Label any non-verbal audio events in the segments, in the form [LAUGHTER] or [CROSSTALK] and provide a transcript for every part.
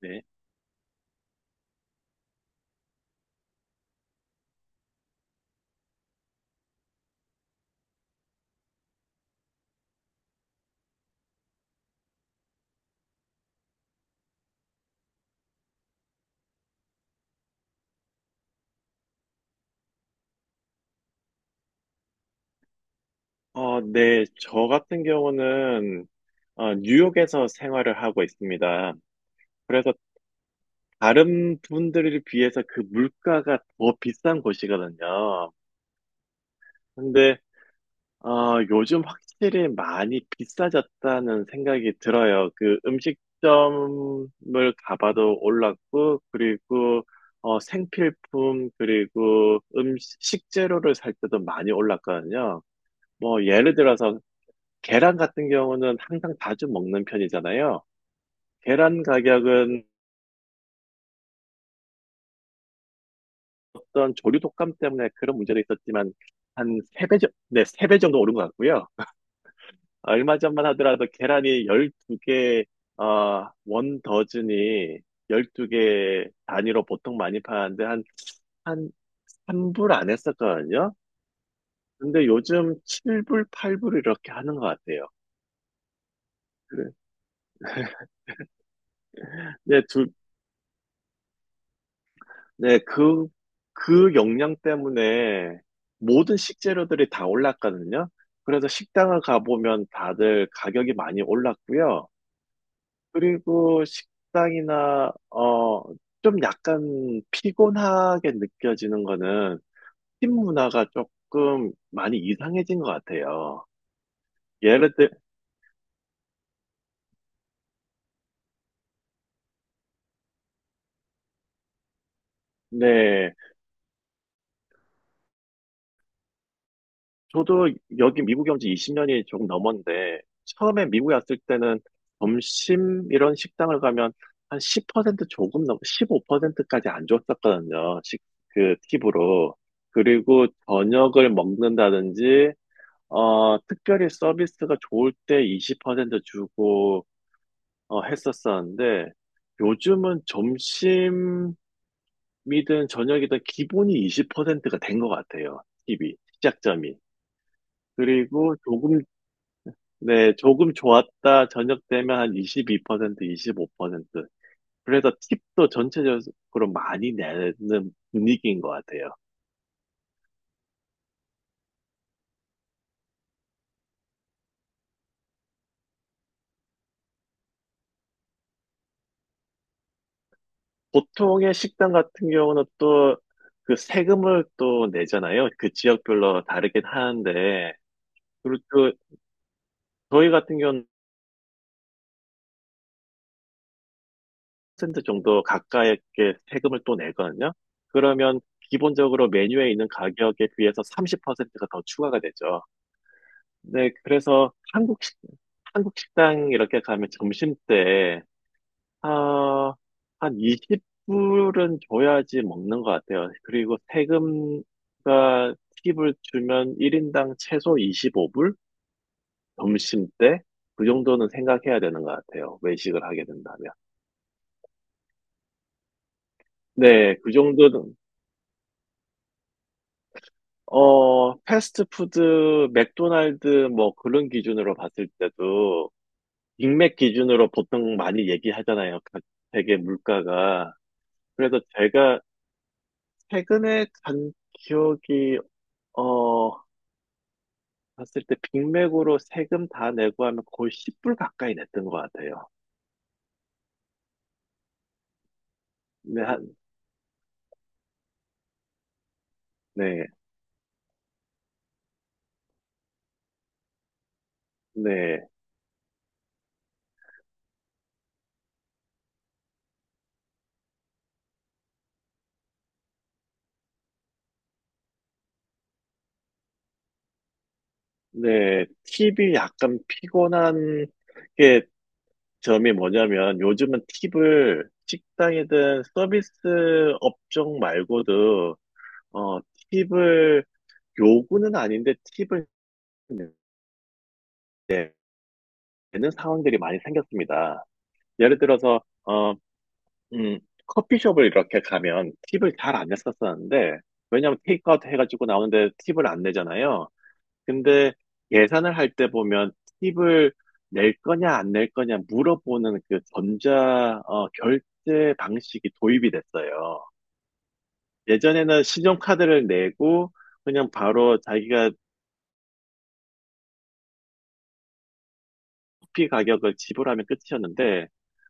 네. 네. 저 같은 경우는 뉴욕에서 생활을 하고 있습니다. 그래서 다른 분들에 비해서 그 물가가 더 비싼 곳이거든요. 근데 요즘 확실히 많이 비싸졌다는 생각이 들어요. 그 음식점을 가봐도 올랐고, 그리고 생필품, 그리고 음식, 식재료를 살 때도 많이 올랐거든요. 뭐, 예를 들어서 계란 같은 경우는 항상 자주 먹는 편이잖아요. 계란 가격은 어떤 조류 독감 때문에 그런 문제는 있었지만 한 세 배 정도, 네, 3배 정도 오른 것 같고요. 얼마 전만 하더라도 계란이 12개, 원 더즌이 12개 단위로 보통 많이 파는데 한 3불 안 했었거든요. 근데 요즘 7불, 8불 이렇게 하는 것 같아요. 그래. 네, 네, 그 영양 때문에 모든 식재료들이 다 올랐거든요. 그래서 식당을 가보면 다들 가격이 많이 올랐고요. 그리고 식당이나, 좀 약간 피곤하게 느껴지는 거는 팀 문화가 조금 많이 이상해진 것 같아요. 예를 들, 네. 저도 여기 미국에 온지 20년이 조금 넘었는데, 처음에 미국에 왔을 때는 점심 이런 식당을 가면 한 10%, 15%까지 안 줬었거든요. 그 팁으로. 그리고 저녁을 먹는다든지, 특별히 서비스가 좋을 때 20% 주고, 했었었는데, 요즘은 점심이든 저녁이든 기본이 20%가 된 것 같아요. 팁이, 시작점이. 그리고 조금 네, 조금 좋았다. 저녁 되면 한 22%, 25%. 그래서 팁도 전체적으로 많이 내는 분위기인 것 같아요. 보통의 식당 같은 경우는 또 그 세금을 또 내잖아요. 그 지역별로 다르긴 하는데, 그리고 또 저희 같은 경우는 10% 정도 가까이 이렇게 세금을 또 내거든요. 그러면 기본적으로 메뉴에 있는 가격에 비해서 30%가 더 추가가 되죠. 네, 그래서 한국 식당 이렇게 가면 점심 때, 아, 한 20불은 줘야지 먹는 것 같아요. 그리고 세금과 팁을 주면 1인당 최소 25불? 점심 때? 그 정도는 생각해야 되는 것 같아요. 외식을 하게 된다면. 네, 그 정도는, 패스트푸드, 맥도날드, 뭐 그런 기준으로 봤을 때도 인맥 기준으로 보통 많이 얘기하잖아요. 각 세계 물가가. 그래서 제가 최근에 간 기억이, 어, 봤을 때 빅맥으로 세금 다 내고 하면 거의 10불 가까이 냈던 것 같아요. 네, 네, 네, 네. 팁이 약간 피곤한 게 점이 뭐냐면 요즘은 팁을 식당이든 서비스 업종 말고도, 어, 팁을 요구는 아닌데 팁을 되는 상황들이 많이 생겼습니다. 예를 들어서, 음, 커피숍을 이렇게 가면 팁을 잘 안 냈었었는데, 왜냐면 하 테이크아웃 해가지고 나오는데 팁을 안 내잖아요. 근데 계산을 할 때 보면 팁을 낼 거냐, 안 낼 거냐 물어보는 그 전자, 결제 방식이 도입이 됐어요. 예전에는 신용카드를 내고, 그냥 바로 자기가 커피 가격을 지불하면 끝이었는데,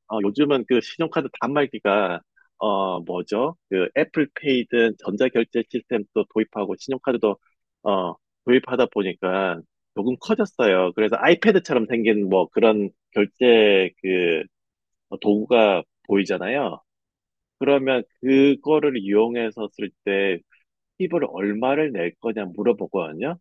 요즘은 그 신용카드 단말기가, 뭐죠? 그 애플페이든 전자결제 시스템도 도입하고 신용카드도, 어, 도입하다 보니까 조금 커졌어요. 그래서 아이패드처럼 생긴 뭐 그런 결제 그 도구가 보이잖아요. 그러면 그거를 이용해서 쓸 때 팁을 얼마를 낼 거냐 물어보거든요.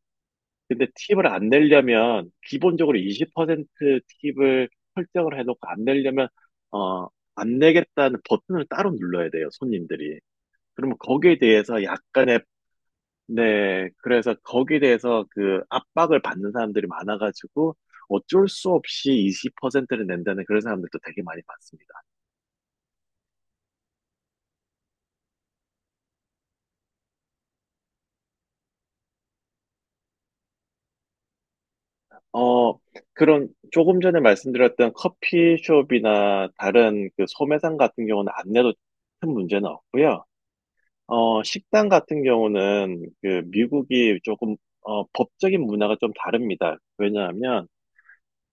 근데 팁을 안 내려면 기본적으로 20% 팁을 설정을 해놓고 안 내려면 어, 안 내겠다는 버튼을 따로 눌러야 돼요, 손님들이. 그러면 거기에 대해서 약간의. 네, 그래서 거기에 대해서 그 압박을 받는 사람들이 많아가지고 어쩔 수 없이 20%를 낸다는 그런 사람들도 되게 많이 봤습니다. 어, 그런 조금 전에 말씀드렸던 커피숍이나 다른 그 소매상 같은 경우는 안 내도 큰 문제는 없고요. 식당 같은 경우는 그 미국이 조금 법적인 문화가 좀 다릅니다. 왜냐하면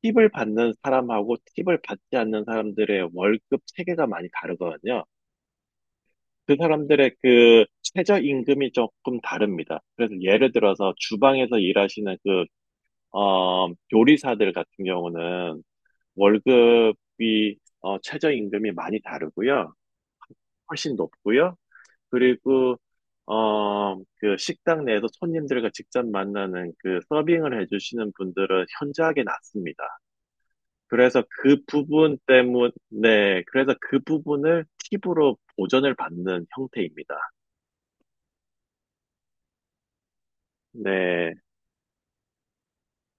팁을 받는 사람하고 팁을 받지 않는 사람들의 월급 체계가 많이 다르거든요. 그 사람들의 그 최저 임금이 조금 다릅니다. 그래서 예를 들어서 주방에서 일하시는 그 어, 요리사들 같은 경우는 월급이 최저 임금이 많이 다르고요. 훨씬 높고요. 그리고 그 식당 내에서 손님들과 직접 만나는 그 서빙을 해주시는 분들은 현저하게 낮습니다. 그래서 그 부분 때문에, 네, 그래서 그 부분을 팁으로 보전을 받는 형태입니다. 네,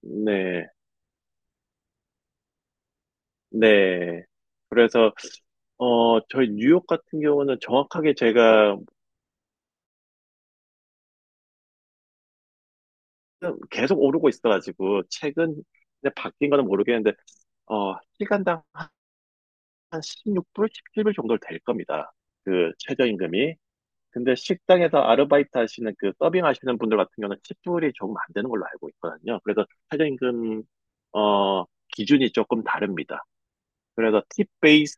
네, 네. 그래서, 저희 뉴욕 같은 경우는 정확하게 제가 계속 오르고 있어가지고, 최근, 에 바뀐 거는 모르겠는데, 시간당 한 16불, 17불 정도 될 겁니다. 그 최저임금이. 근데 식당에서 아르바이트 하시는 그 서빙 하시는 분들 같은 경우는 10불이 조금 안 되는 걸로 알고 있거든요. 그래서 최저임금 어 기준이 조금 다릅니다. 그래서 팁 베이스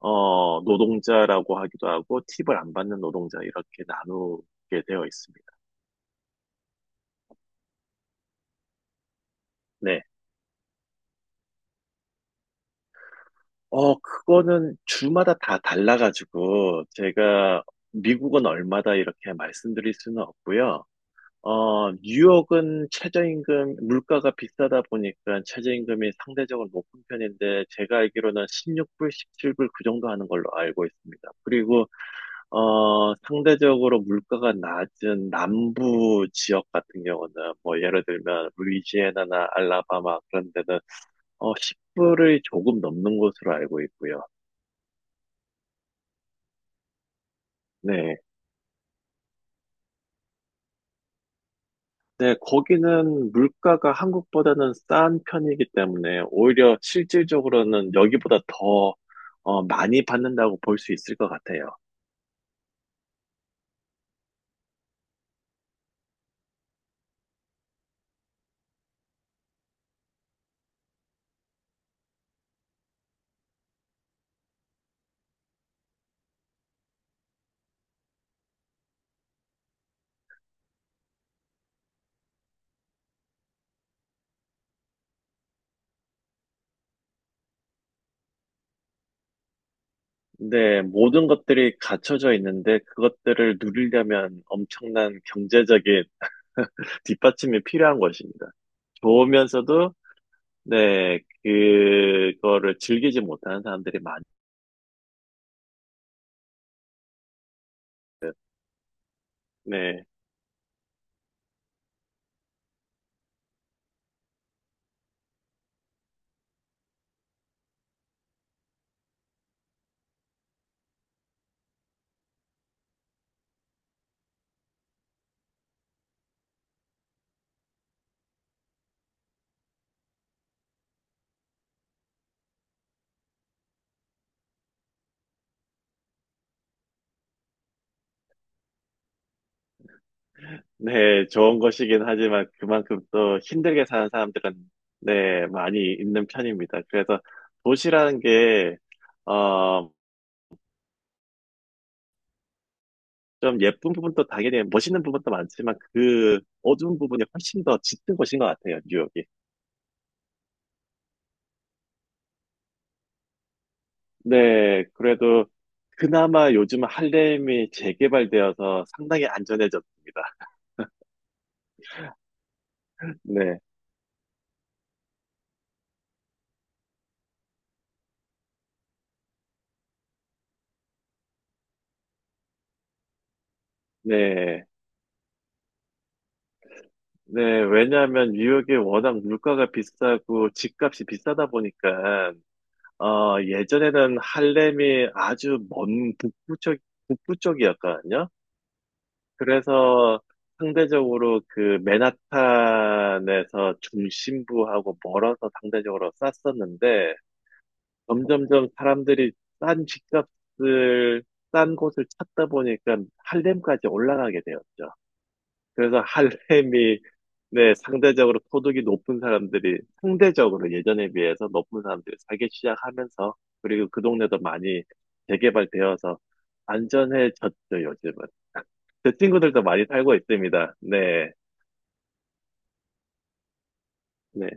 노동자라고 하기도 하고 팁을 안 받는 노동자 이렇게 나누게 되어 있습니다. 네. 그거는 주마다 다 달라가지고 제가 미국은 얼마다 이렇게 말씀드릴 수는 없고요. 뉴욕은 최저임금, 물가가 비싸다 보니까 최저임금이 상대적으로 높은 편인데, 제가 알기로는 16불, 17불 그 정도 하는 걸로 알고 있습니다. 그리고, 상대적으로 물가가 낮은 남부 지역 같은 경우는, 뭐, 예를 들면, 루이지애나나 알라바마 그런 데는, 10불을 조금 넘는 것으로 알고 있고요. 네. 네, 거기는 물가가 한국보다는 싼 편이기 때문에 오히려 실질적으로는 여기보다 더 많이 받는다고 볼 수 있을 것 같아요. 근데 모든 것들이 갖춰져 있는데 그것들을 누리려면 엄청난 경제적인 [LAUGHS] 뒷받침이 필요한 것입니다. 좋으면서도 네, 그거를 즐기지 못하는 사람들이 많. 네. 네, 좋은 것이긴 하지만 그만큼 또 힘들게 사는 사람들은 네, 많이 있는 편입니다. 그래서 도시라는 게, 어, 좀 예쁜 부분도 당연히 멋있는 부분도 많지만 그 어두운 부분이 훨씬 더 짙은 것인 것 같아요, 뉴욕이. 네, 그래도 그나마 요즘 할렘이 재개발되어서 상당히 안전해졌습니다. 네, 네, 네. 왜냐하면 뉴욕이 워낙 물가가 비싸고 집값이 비싸다 보니까 예전에는 할렘이 아주 먼 북부 쪽, 북부 쪽이었거든요. 그래서 상대적으로 그 맨하탄에서 중심부하고 멀어서 상대적으로 쌌었는데 점점점 사람들이 싼 집값을 싼 곳을 찾다 보니까 할렘까지 올라가게 되었죠. 그래서 할렘이 네, 상대적으로 소득이 높은 사람들이 상대적으로 예전에 비해서 높은 사람들이 살기 시작하면서 그리고 그 동네도 많이 재개발되어서 안전해졌죠, 요즘은. 제 친구들도 많이 살고 있습니다. 네, 네,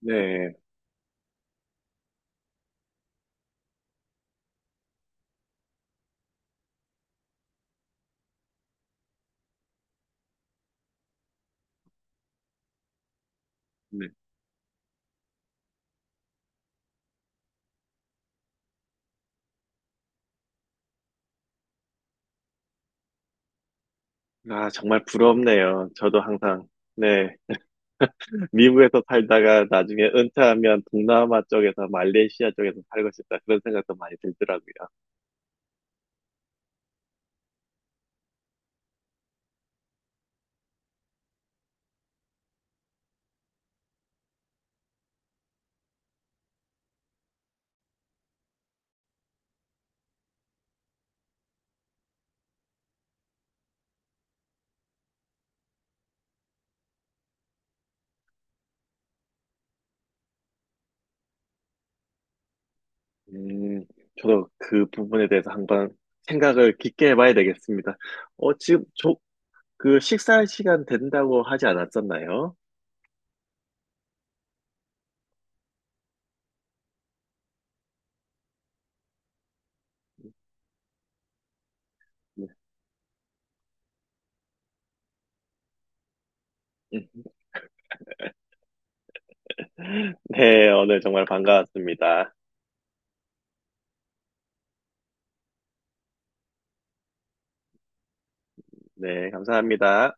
네, 네. 아, 정말 부럽네요. 저도 항상, 네, 미국에서 살다가 나중에 은퇴하면 동남아 쪽에서 말레이시아 쪽에서 살고 싶다. 그런 생각도 많이 들더라고요. 음, 저도 그 부분에 대해서 한번 생각을 깊게 해봐야 되겠습니다. 지금 그 식사 시간 된다고 하지 않았었나요? 네, [LAUGHS] 네, 오늘 정말 반가웠습니다. 네, 감사합니다.